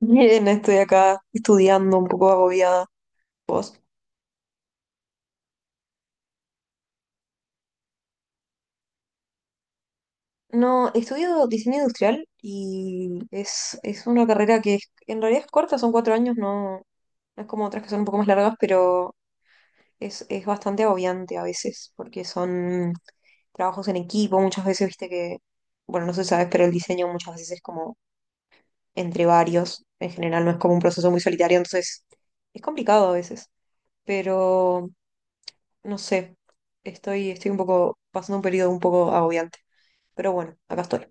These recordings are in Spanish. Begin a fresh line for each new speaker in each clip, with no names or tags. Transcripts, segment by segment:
Bien, estoy acá estudiando un poco agobiada. ¿Vos? No, estudio diseño industrial y es una carrera que en realidad es corta, son 4 años, no, no es como otras que son un poco más largas, pero es bastante agobiante a veces, porque son trabajos en equipo, muchas veces, viste que, bueno, no sé si sabes, pero el diseño muchas veces es como entre varios, en general no es como un proceso muy solitario, entonces es complicado a veces, pero no sé, estoy un poco pasando un periodo un poco agobiante, pero bueno, acá estoy.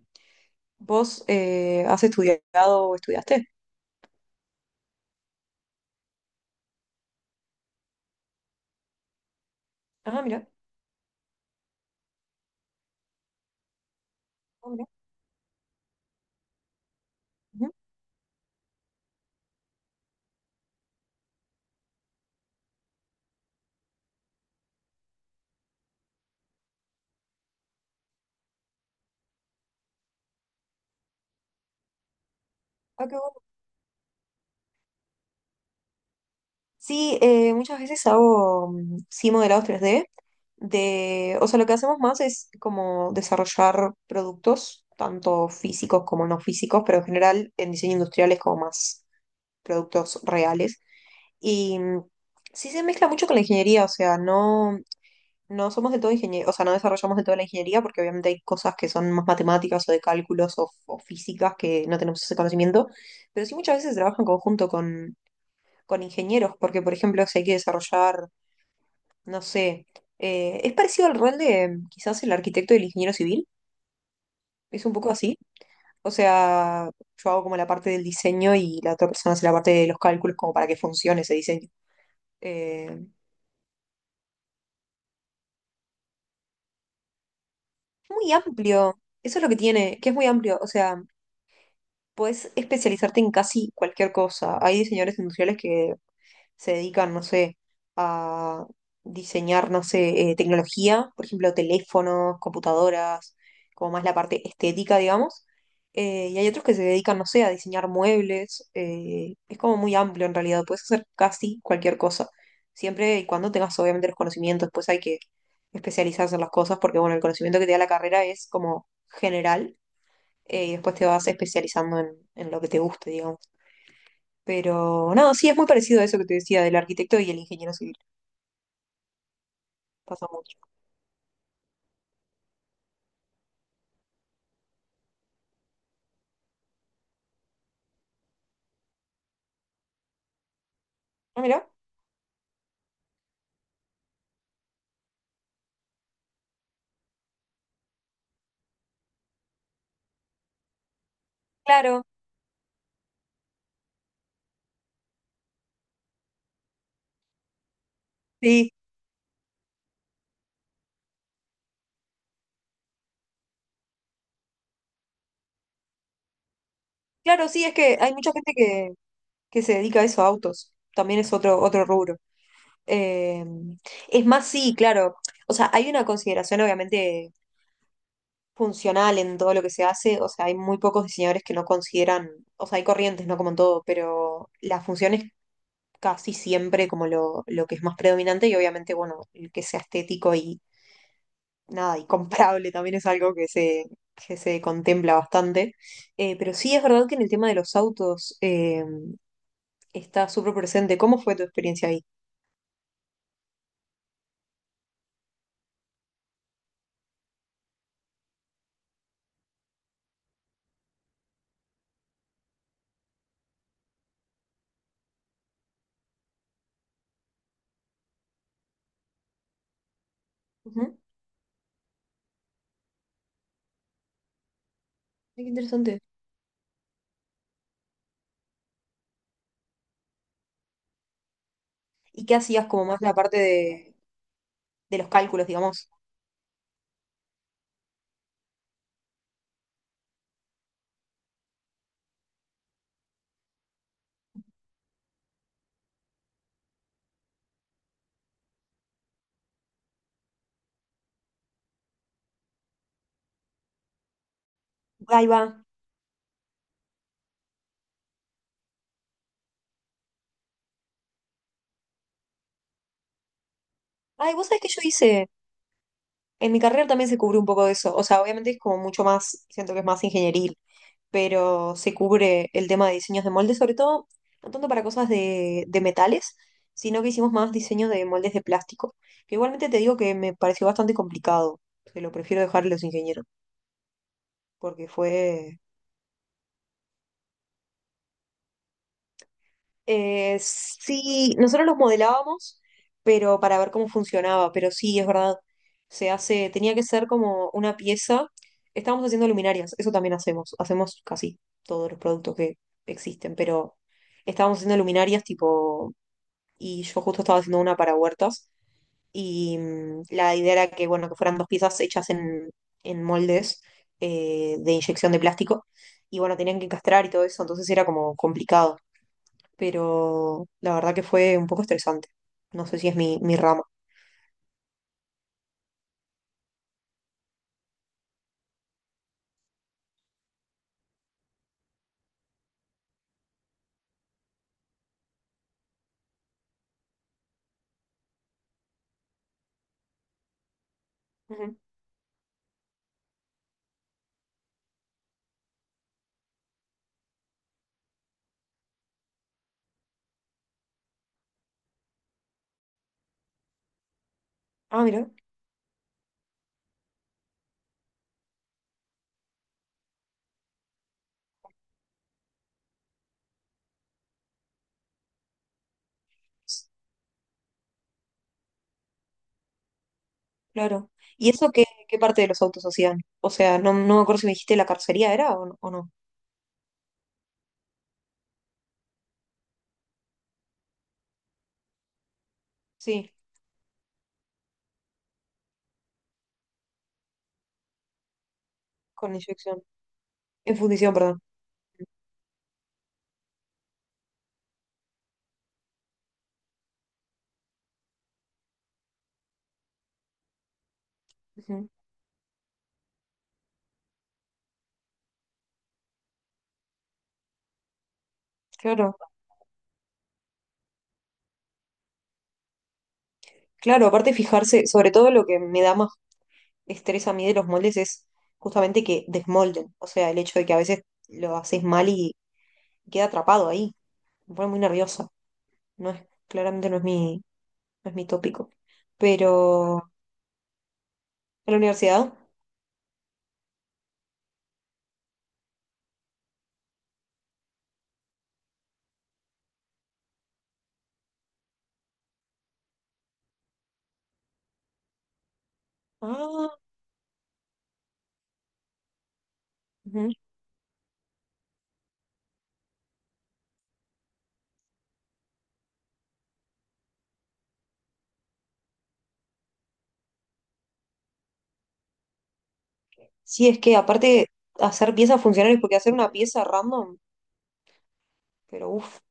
¿Vos has estudiado o estudiaste? Ah, mira. Ah, mira. Ujú. Ah, qué bueno. Sí, muchas veces hago mm, sí modelados 3D. O sea, lo que hacemos más es como desarrollar productos, tanto físicos como no físicos, pero en general en diseño industrial es como más productos reales. Y sí se mezcla mucho con la ingeniería, o sea, no, somos de todo ingeniería, o sea, no desarrollamos de toda la ingeniería porque obviamente hay cosas que son más matemáticas o de cálculos o físicas que no tenemos ese conocimiento, pero sí muchas veces se trabaja en conjunto con ingenieros, porque por ejemplo si hay que desarrollar, no sé, es parecido al rol de quizás el arquitecto y el ingeniero civil, es un poco así, o sea, yo hago como la parte del diseño y la otra persona hace la parte de los cálculos como para que funcione ese diseño. Eh, Muy amplio, eso es lo que tiene, que es muy amplio, o sea, puedes especializarte en casi cualquier cosa. Hay diseñadores industriales que se dedican, no sé, a diseñar, no sé, tecnología, por ejemplo, teléfonos, computadoras, como más la parte estética, digamos. Y hay otros que se dedican, no sé, a diseñar muebles. Es como muy amplio en realidad, puedes hacer casi cualquier cosa. Siempre y cuando tengas obviamente los conocimientos, pues hay que especializarse en las cosas porque, bueno, el conocimiento que te da la carrera es como general y después te vas especializando en, lo que te guste, digamos. Pero no, sí, es muy parecido a eso que te decía del arquitecto y el ingeniero civil. Pasa mucho. Ah, mirá. Claro, sí. Claro, sí, es que hay mucha gente que, se dedica a eso, a autos. También es otro rubro. Eh, es más, sí, claro. O sea, hay una consideración obviamente funcional en todo lo que se hace. O sea, hay muy pocos diseñadores que no consideran, o sea, hay corrientes, no como en todo, pero las funciones casi siempre como lo, que es más predominante y obviamente, bueno, el que sea estético y nada, y comprable también es algo que se contempla bastante. Pero sí es verdad que en el tema de los autos está súper presente. ¿Cómo fue tu experiencia ahí? Ujú. Ay, qué interesante. ¿Y qué hacías como más la parte de los cálculos, digamos? Ahí va. Ay, vos sabés que yo hice, en mi carrera también se cubrió un poco de eso. O sea, obviamente es como mucho más, siento que es más ingeniería, pero se cubre el tema de diseños de moldes, sobre todo, no tanto para cosas de metales, sino que hicimos más diseño de moldes de plástico, que igualmente te digo que me pareció bastante complicado, que lo prefiero dejar a los ingenieros, porque fue. Sí, nosotros los modelábamos, pero para ver cómo funcionaba, pero sí, es verdad, se hace, tenía que ser como una pieza, estábamos haciendo luminarias, eso también hacemos, hacemos casi todos los productos que existen, pero estábamos haciendo luminarias tipo y yo justo estaba haciendo una para huertas y la idea era que, bueno, que fueran dos piezas hechas en, moldes de inyección de plástico y bueno, tenían que encastrar y todo eso, entonces era como complicado, pero la verdad que fue un poco estresante. No sé si es mi, rama. Ujú. Ah, mira, claro. ¿Y eso qué parte de los autos hacían? O sea, no, no me acuerdo si me dijiste la carrocería era o no. Sí, con inyección. En fundición, perdón. Ujú. Claro. Claro, aparte fijarse, sobre todo lo que me da más estrés a mí de los moldes es justamente que desmolden, o sea, el hecho de que a veces lo haces mal y queda atrapado ahí, me pone muy nerviosa, no es, claramente no es mi tópico, pero en la universidad, ah, ujú. Sí, es que aparte hacer piezas funcionales, porque hacer una pieza random, pero uff,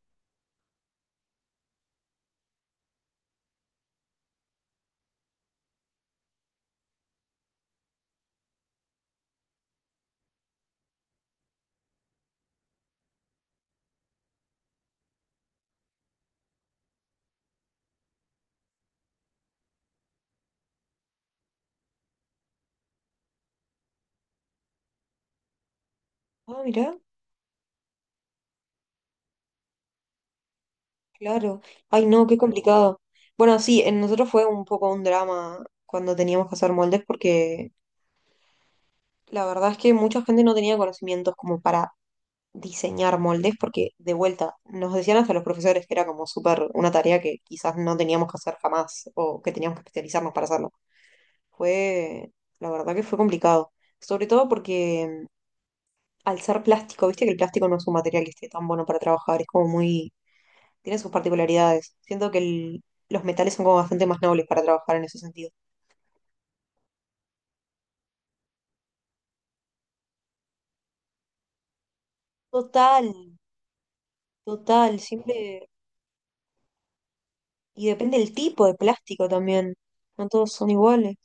ah, mirá, claro, ay no, qué complicado. Bueno, sí, en nosotros fue un poco un drama cuando teníamos que hacer moldes porque la verdad es que mucha gente no tenía conocimientos como para diseñar moldes, porque de vuelta nos decían hasta los profesores que era como súper una tarea que quizás no teníamos que hacer jamás o que teníamos que especializarnos para hacerlo. Fue, la verdad que fue complicado, sobre todo porque al ser plástico, viste que el plástico no es un material que esté tan bueno para trabajar, es como muy, tiene sus particularidades. Siento que los metales son como bastante más nobles para trabajar en ese sentido. Total, total, siempre. Y depende del tipo de plástico también. No todos son iguales.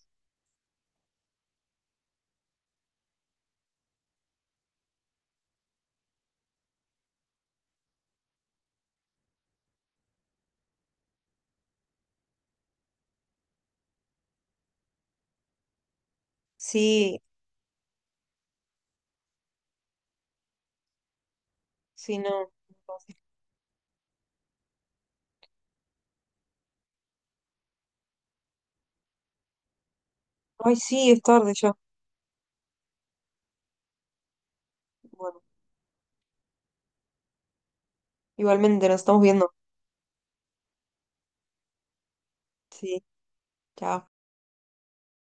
Sí, sí, no. Ay, sí, es tarde ya. Bueno, igualmente nos estamos viendo. Sí, chao.